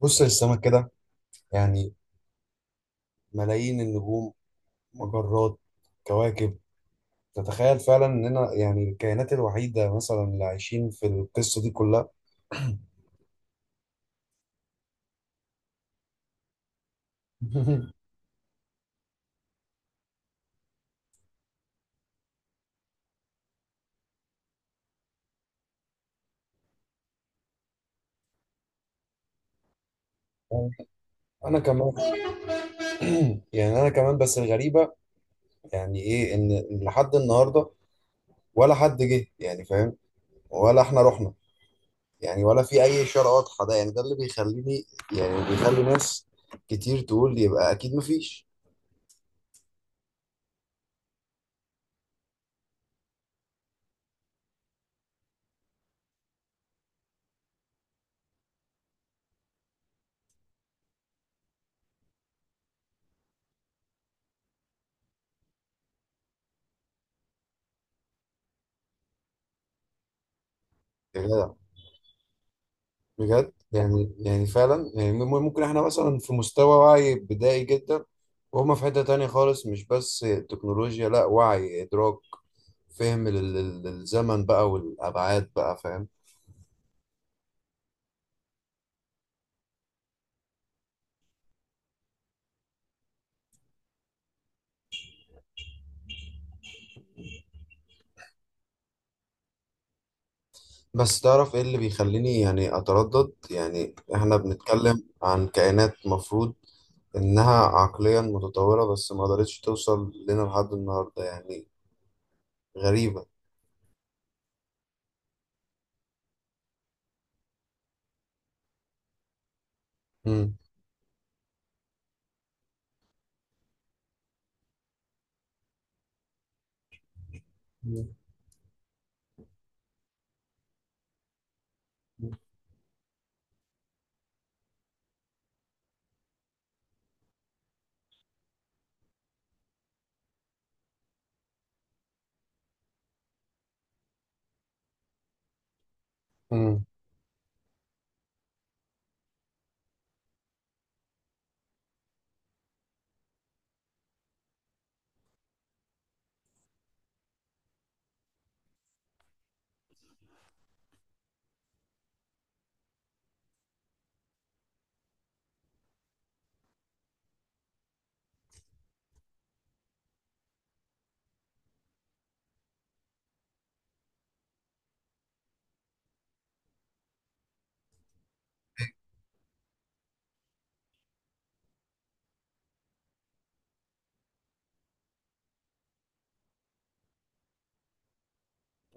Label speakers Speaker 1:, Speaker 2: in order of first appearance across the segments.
Speaker 1: بص للسماء كده، يعني ملايين النجوم، مجرات، كواكب. تتخيل فعلا اننا يعني الكائنات الوحيدة مثلا اللي عايشين في القصة دي كلها؟ انا كمان. يعني انا كمان، بس الغريبة يعني ايه ان لحد النهاردة ولا حد جه، يعني فاهم، ولا احنا رحنا، يعني ولا في اي اشارة واضحة. ده يعني ده اللي بيخليني، يعني بيخلي ناس كتير تقول يبقى اكيد مفيش. يا جدع بجد، يعني يعني فعلا يعني ممكن احنا مثلا في مستوى وعي بدائي جدا، وهم في حتة تانية خالص، مش بس تكنولوجيا، لا وعي، إدراك، فهم للزمن بقى والأبعاد، بقى فاهم. بس تعرف ايه اللي بيخليني يعني أتردد؟ يعني احنا بنتكلم عن كائنات مفروض إنها عقليا متطورة، بس ما قدرتش توصل لنا لحد النهاردة. يعني غريبة. مم. مم. مم.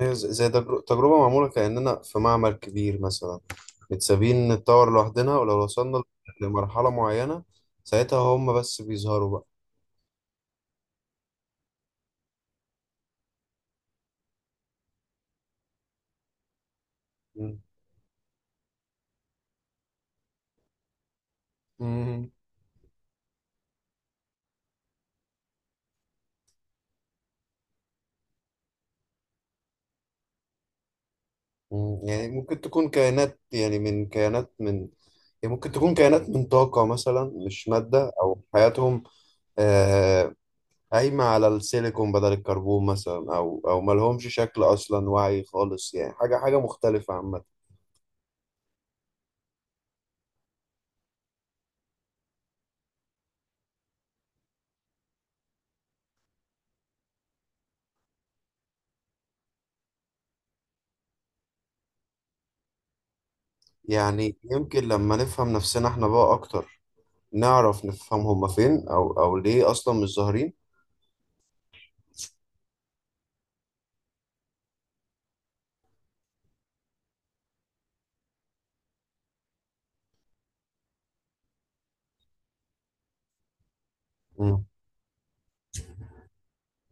Speaker 1: هي زي تجربة معمولة، كأننا في معمل كبير مثلا، متسابين نتطور لوحدنا، ولو وصلنا لمرحلة معينة ساعتها هم بس بيظهروا بقى. مم. مم. مم. يعني ممكن تكون كائنات، يعني من كائنات من، يعني ممكن تكون كائنات من طاقة مثلا مش مادة، أو حياتهم آه، قايمة على السيليكون بدل الكربون مثلا، أو أو ملهمش شكل أصلا، وعي خالص، يعني حاجة حاجة مختلفة عامة. يعني يمكن لما نفهم نفسنا احنا بقى أكتر نعرف نفهم هما فين، أو أو ليه أصلا مش ظاهرين.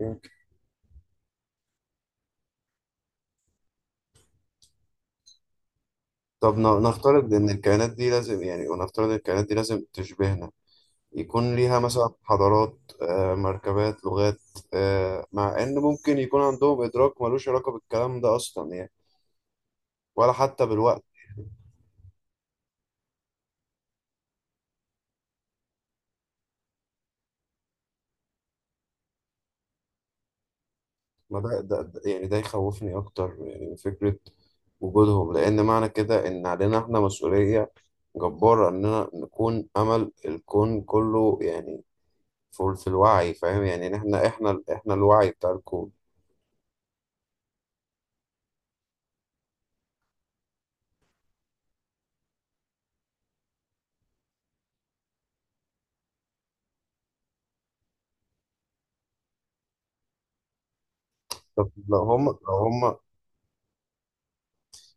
Speaker 1: مم. طب نفترض إن الكائنات دي لازم، يعني ونفترض إن الكائنات دي لازم تشبهنا، يكون ليها مثلا حضارات آه، مركبات، لغات آه، مع إن ممكن يكون عندهم إدراك ملوش علاقة بالكلام ده أصلا، يعني ولا حتى بالوقت. ما ده، يعني ده يخوفني أكتر يعني من فكرة وجودهم، لأن معنى كده إن علينا إحنا مسؤولية جبارة إننا نكون أمل الكون كله، يعني في في الوعي، فاهم يعني إن إحنا الوعي بتاع الكون. طب لو هم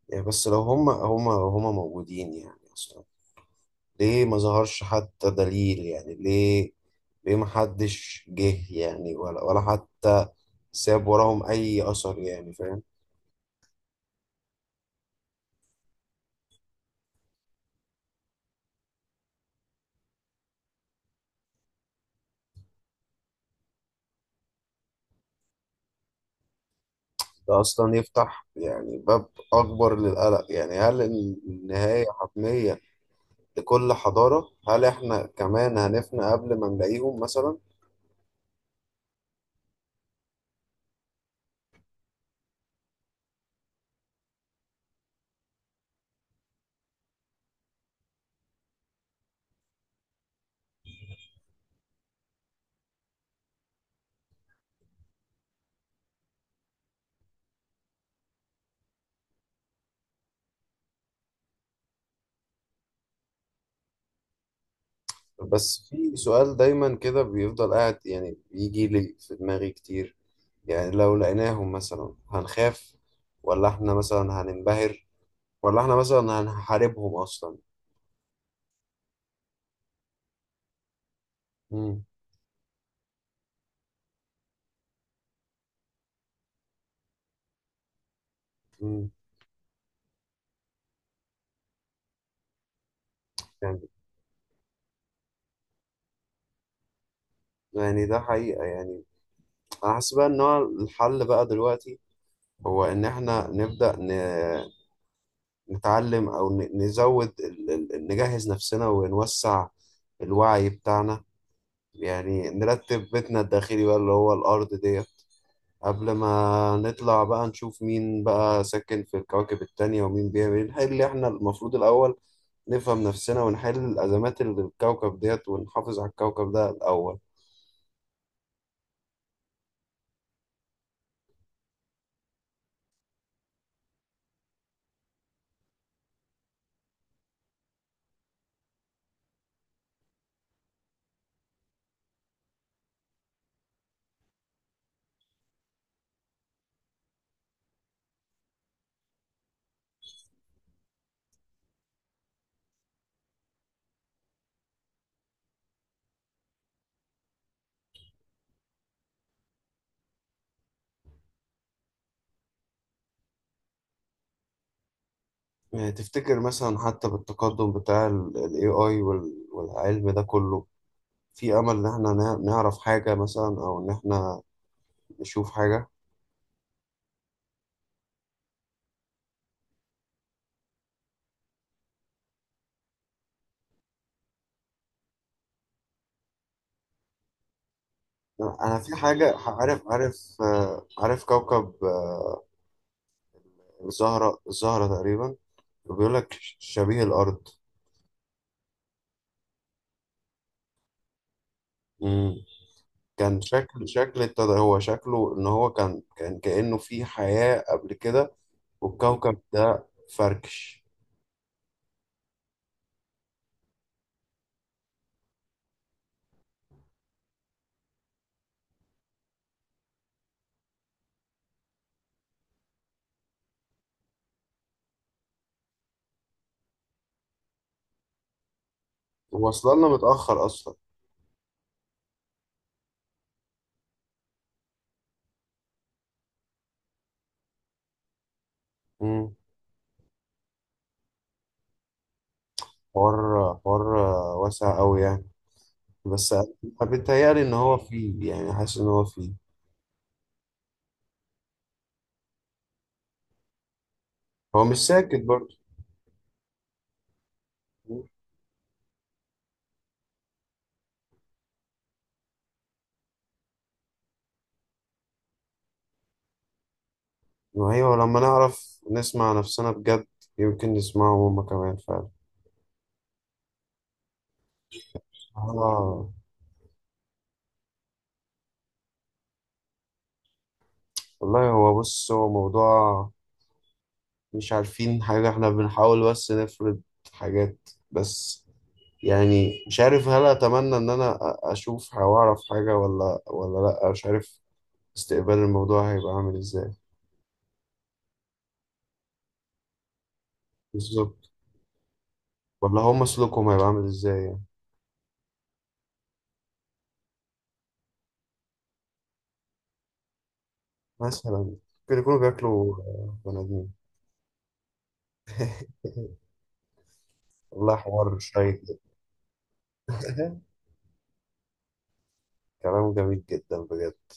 Speaker 1: يعني بس لو هم موجودين يعني اصلا، ليه ما ظهرش حتى دليل؟ يعني ليه؟ ليه ما حدش جه؟ يعني ولا ولا حتى ساب وراهم اي اثر، يعني فاهم. ده اصلا يفتح يعني باب اكبر للقلق. يعني هل النهاية حتمية لكل حضارة؟ هل احنا كمان هنفنى قبل ما نلاقيهم مثلا؟ بس في سؤال دايما كده بيفضل قاعد، يعني بيجي لي في دماغي كتير. يعني لو لقيناهم مثلا هنخاف، ولا احنا مثلا هننبهر، ولا احنا مثلا هنحاربهم اصلا؟ مم. مم. يعني يعني ده حقيقة، يعني انا حاسس بقى ان هو الحل بقى دلوقتي هو ان احنا نبدأ نتعلم، او نزود نجهز نفسنا ونوسع الوعي بتاعنا. يعني نرتب بيتنا الداخلي بقى اللي هو الارض ديت قبل ما نطلع بقى نشوف مين بقى ساكن في الكواكب التانية ومين بيعمل ايه. نحل احنا المفروض الأول، نفهم نفسنا ونحل الأزمات اللي في الكوكب ديت ونحافظ على الكوكب ده الأول. يعني تفتكر مثلا حتى بالتقدم بتاع ال AI والعلم ده كله في أمل إن احنا نعرف حاجة مثلا، أو إن احنا نشوف حاجة؟ أنا في حاجة، عارف آه، عارف كوكب آه، الزهرة تقريبا، بيقول لك شبيه الأرض. كان شكل ابتدى هو شكله ان هو كان كأنه في حياة قبل كده، والكوكب ده فركش. وصل لنا متأخر اصلا. مم. حوار، حوار واسع قوي يعني. بس بيتهيألي ان هو فيه، يعني حاسس ان هو فيه. هو مش ساكت برضه. ما هي لما نعرف نسمع نفسنا بجد يمكن نسمعه هما كمان فعلا. آه والله. هو بص هو موضوع مش عارفين حاجة، احنا بنحاول بس نفرض حاجات بس. يعني مش عارف هل اتمنى ان انا اشوف او اعرف حاجه، ولا ولا لا مش عارف استقبال الموضوع هيبقى عامل ازاي. بالظبط. ولا هم سلوكهم هيبقى عامل ازاي يعني؟ مثلا ممكن يكونوا بياكلوا آه، بني ادمين. والله حوار شيق جدا. كلام جميل جدا بجد.